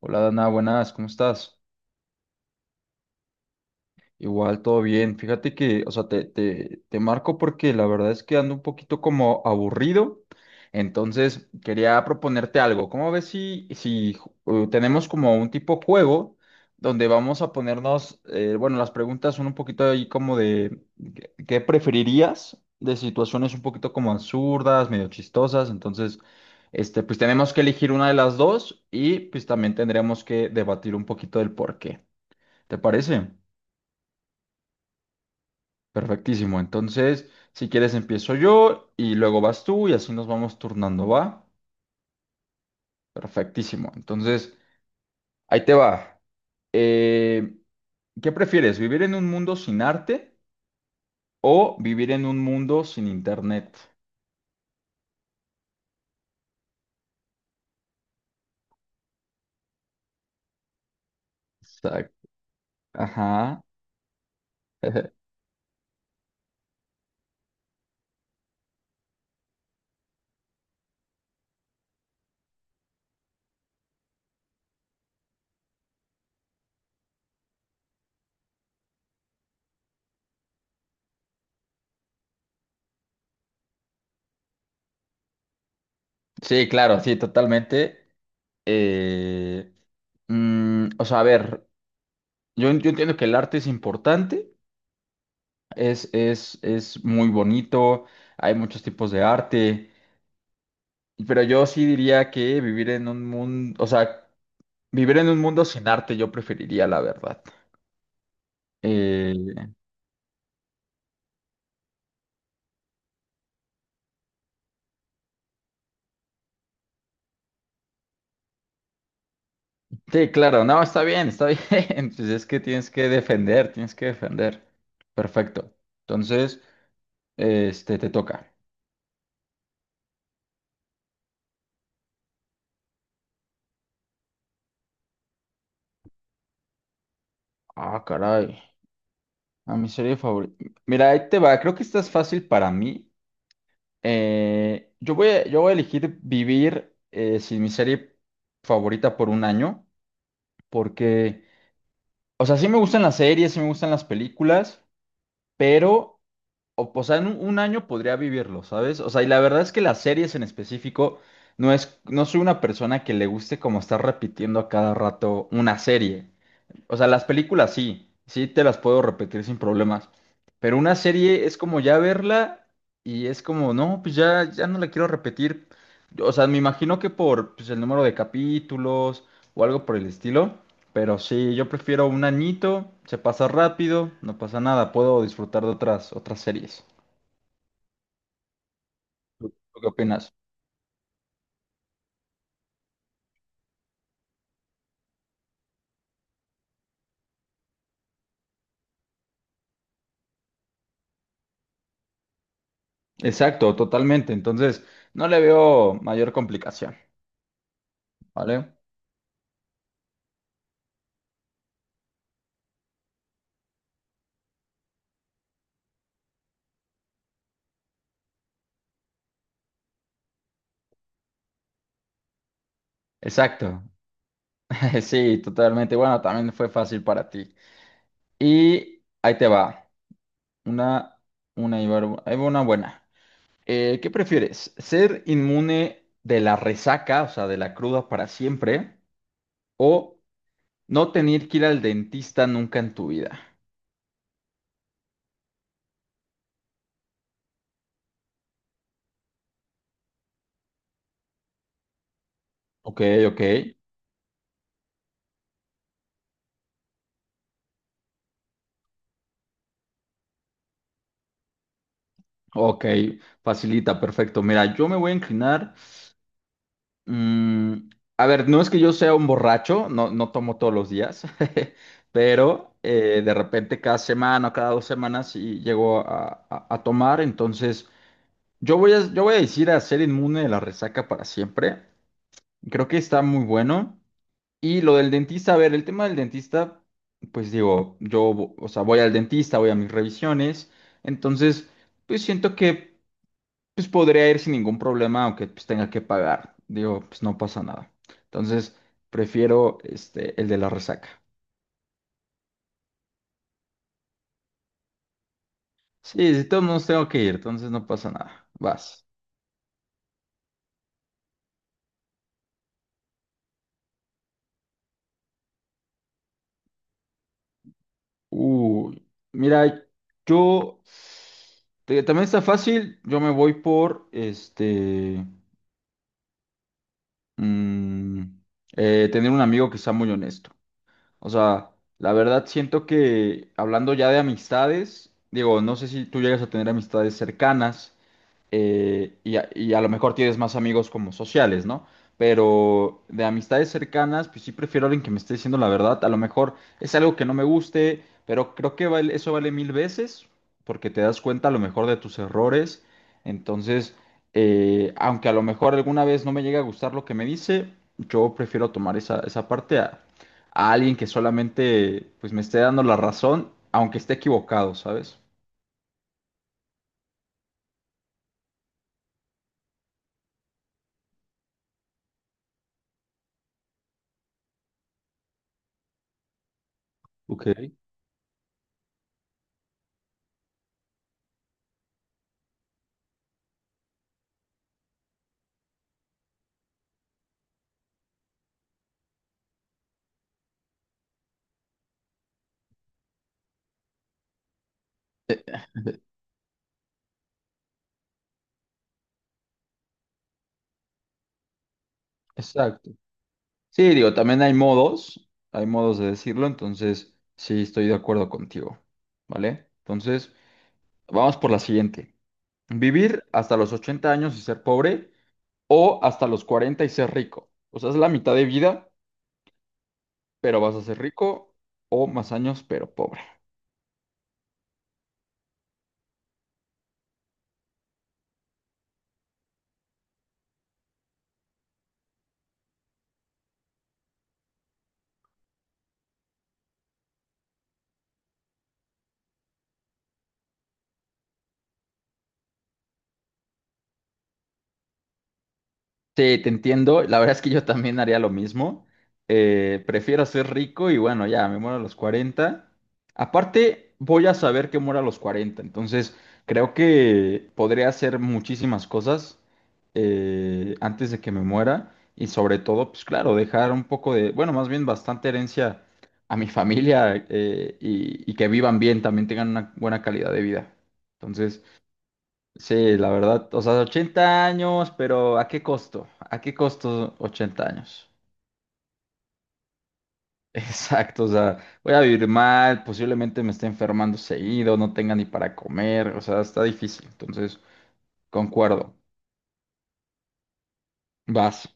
Hola Dana, buenas, ¿cómo estás? Igual, todo bien. Fíjate que, o sea, te marco porque la verdad es que ando un poquito como aburrido. Entonces, quería proponerte algo. ¿Cómo ves si tenemos como un tipo juego donde vamos a ponernos, bueno, las preguntas son un poquito ahí como de ¿qué preferirías? De situaciones un poquito como absurdas, medio chistosas. Entonces, este, pues tenemos que elegir una de las dos y pues también tendremos que debatir un poquito del por qué. ¿Te parece? Perfectísimo. Entonces, si quieres, empiezo yo y luego vas tú y así nos vamos turnando, ¿va? Perfectísimo. Entonces, ahí te va. Eh, ¿Qué prefieres? ¿Vivir en un mundo sin arte o vivir en un mundo sin internet? Exacto. Ajá. Sí, claro, sí, totalmente. Eh, o sea, a ver, yo entiendo que el arte es importante, es muy bonito, hay muchos tipos de arte, pero yo sí diría que vivir en un mundo, o sea, vivir en un mundo sin arte yo preferiría, la verdad. Eh, sí, claro, no, está bien, está bien. Pues es que tienes que defender, tienes que defender. Perfecto. Entonces, este, te toca. Ah, caray. A mi serie favorita. Mira, ahí te va. Creo que esta es fácil para mí. Yo voy a elegir vivir sin mi serie favorita por 1 año, porque, o sea, sí me gustan las series, sí me gustan las películas, pero, o sea, en 1 año podría vivirlo, ¿sabes? O sea, y la verdad es que las series en específico, no soy una persona que le guste como estar repitiendo a cada rato una serie. O sea, las películas sí, sí te las puedo repetir sin problemas. Pero una serie es como ya verla y es como, no, pues ya, ya no la quiero repetir. O sea, me imagino que por pues, el número de capítulos o algo por el estilo. Pero sí, yo prefiero un añito, se pasa rápido, no pasa nada, puedo disfrutar de otras, otras series. ¿Tú qué opinas? Exacto, totalmente. Entonces, no le veo mayor complicación, ¿vale? Exacto. Sí, totalmente. Bueno, también fue fácil para ti. Y ahí te va. Una, Ahí va una buena. ¿Qué prefieres? ¿Ser inmune de la resaca, o sea, de la cruda para siempre? ¿O no tener que ir al dentista nunca en tu vida? Ok, ok, ok, facilita, perfecto. Mira, yo me voy a inclinar. mm, a ver, no es que yo sea un borracho, no, no tomo todos los días, pero de repente cada semana o cada dos semanas sí llego a, a tomar, entonces... yo voy a decir a ser inmune de la resaca para siempre. Creo que está muy bueno. Y lo del dentista, a ver, el tema del dentista, pues digo, o sea, voy al dentista, voy a mis revisiones. Entonces, pues siento que pues podría ir sin ningún problema, aunque pues tenga que pagar. Digo, pues no pasa nada. Entonces, prefiero este, el de la resaca. Sí, si todos modos tengo que ir, entonces no pasa nada. Vas. Uy, mira, yo también está fácil. Yo me voy por este mm, tener un amigo que sea muy honesto. O sea, la verdad siento que hablando ya de amistades, digo, no sé si tú llegas a tener amistades cercanas, y a lo mejor tienes más amigos como sociales, ¿no? Pero de amistades cercanas, pues sí prefiero a alguien que me esté diciendo la verdad. A lo mejor es algo que no me guste, pero creo que eso vale 1000 veces porque te das cuenta a lo mejor de tus errores. Entonces, aunque a lo mejor alguna vez no me llegue a gustar lo que me dice, yo prefiero tomar esa parte a alguien que solamente pues me esté dando la razón, aunque esté equivocado, ¿sabes? Ok. Exacto. Sí, digo, también hay modos de decirlo, entonces sí estoy de acuerdo contigo, ¿vale? Entonces, vamos por la siguiente. Vivir hasta los 80 años y ser pobre o hasta los 40 y ser rico. O sea, es la mitad de vida, pero vas a ser rico o más años, pero pobre. Sí, te entiendo. La verdad es que yo también haría lo mismo. Prefiero ser rico y bueno, ya me muero a los 40. Aparte, voy a saber que muero a los 40. Entonces, creo que podría hacer muchísimas cosas antes de que me muera. Y sobre todo, pues claro, dejar un poco de, bueno, más bien bastante herencia a mi familia y que vivan bien, también tengan una buena calidad de vida. Entonces, sí, la verdad, o sea, 80 años, pero ¿a qué costo? ¿A qué costo 80 años? Exacto, o sea, voy a vivir mal, posiblemente me esté enfermando seguido, no tenga ni para comer, o sea, está difícil, entonces, concuerdo. Vas.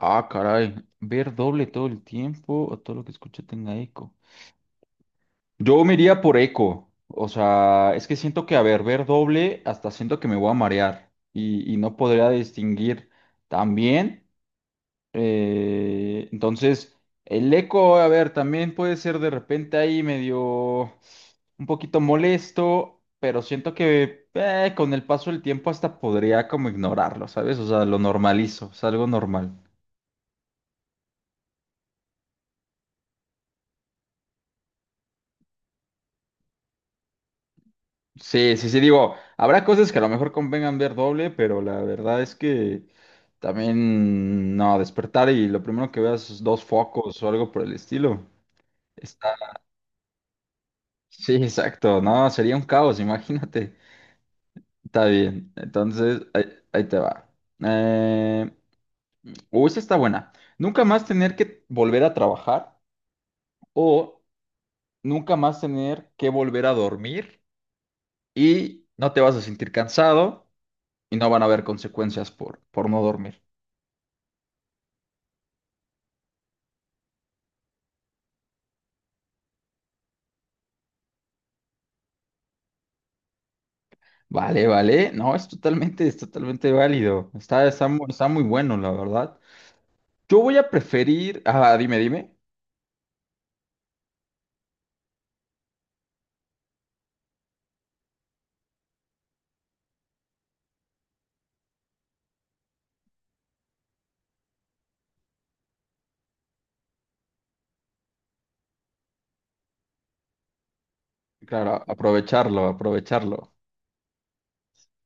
Ah, caray, ver doble todo el tiempo o todo lo que escuche tenga eco. Yo me iría por eco, o sea, es que siento que, a ver, ver doble, hasta siento que me voy a marear y no podría distinguir también. Entonces, el eco, a ver, también puede ser de repente ahí medio un poquito molesto, pero siento que con el paso del tiempo hasta podría como ignorarlo, ¿sabes? O sea, lo normalizo, es algo normal. Sí, sí, sí, digo, habrá cosas que a lo mejor convengan ver doble, pero la verdad es que también, no, despertar y lo primero que veas es dos focos o algo por el estilo. Está... Sí, exacto, no, sería un caos, imagínate. Está bien, entonces ahí, ahí te va. Eh, o esta está buena. Nunca más tener que volver a trabajar o nunca más tener que volver a dormir y no te vas a sentir cansado y no van a haber consecuencias por no dormir. Vale, vale. No, es totalmente válido. Está, está, está muy bueno, la verdad. Yo voy a preferir... Ah, dime, dime. Claro, aprovecharlo, aprovecharlo.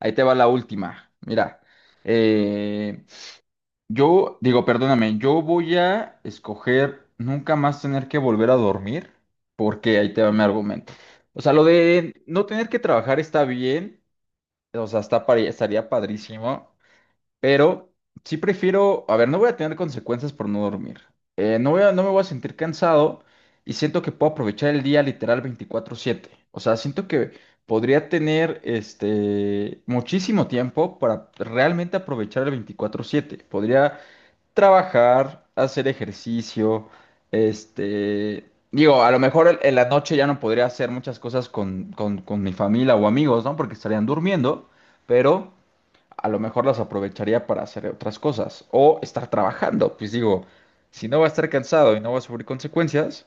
Ahí te va la última. Mira. Eh, Yo digo, perdóname, yo voy a escoger nunca más tener que volver a dormir, porque ahí te va mi argumento. O sea, lo de no tener que trabajar está bien, o sea, estaría padrísimo, pero sí prefiero, a ver, no voy a tener consecuencias por no dormir. No me voy a sentir cansado y siento que puedo aprovechar el día literal 24/7. O sea, siento que podría tener este muchísimo tiempo para realmente aprovechar el 24/7. Podría trabajar, hacer ejercicio, este, digo, a lo mejor en la noche ya no podría hacer muchas cosas con mi familia o amigos, ¿no? Porque estarían durmiendo, pero a lo mejor las aprovecharía para hacer otras cosas o estar trabajando, pues digo, si no va a estar cansado y no va a sufrir consecuencias,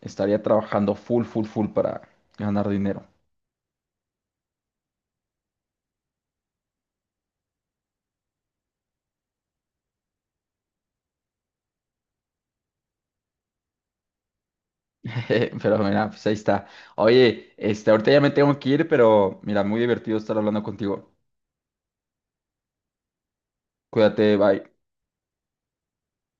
estaría trabajando full, full, full para ganar dinero. Pero mira, pues ahí está. Oye, este, ahorita ya me tengo que ir, pero mira, muy divertido estar hablando contigo. Cuídate, bye.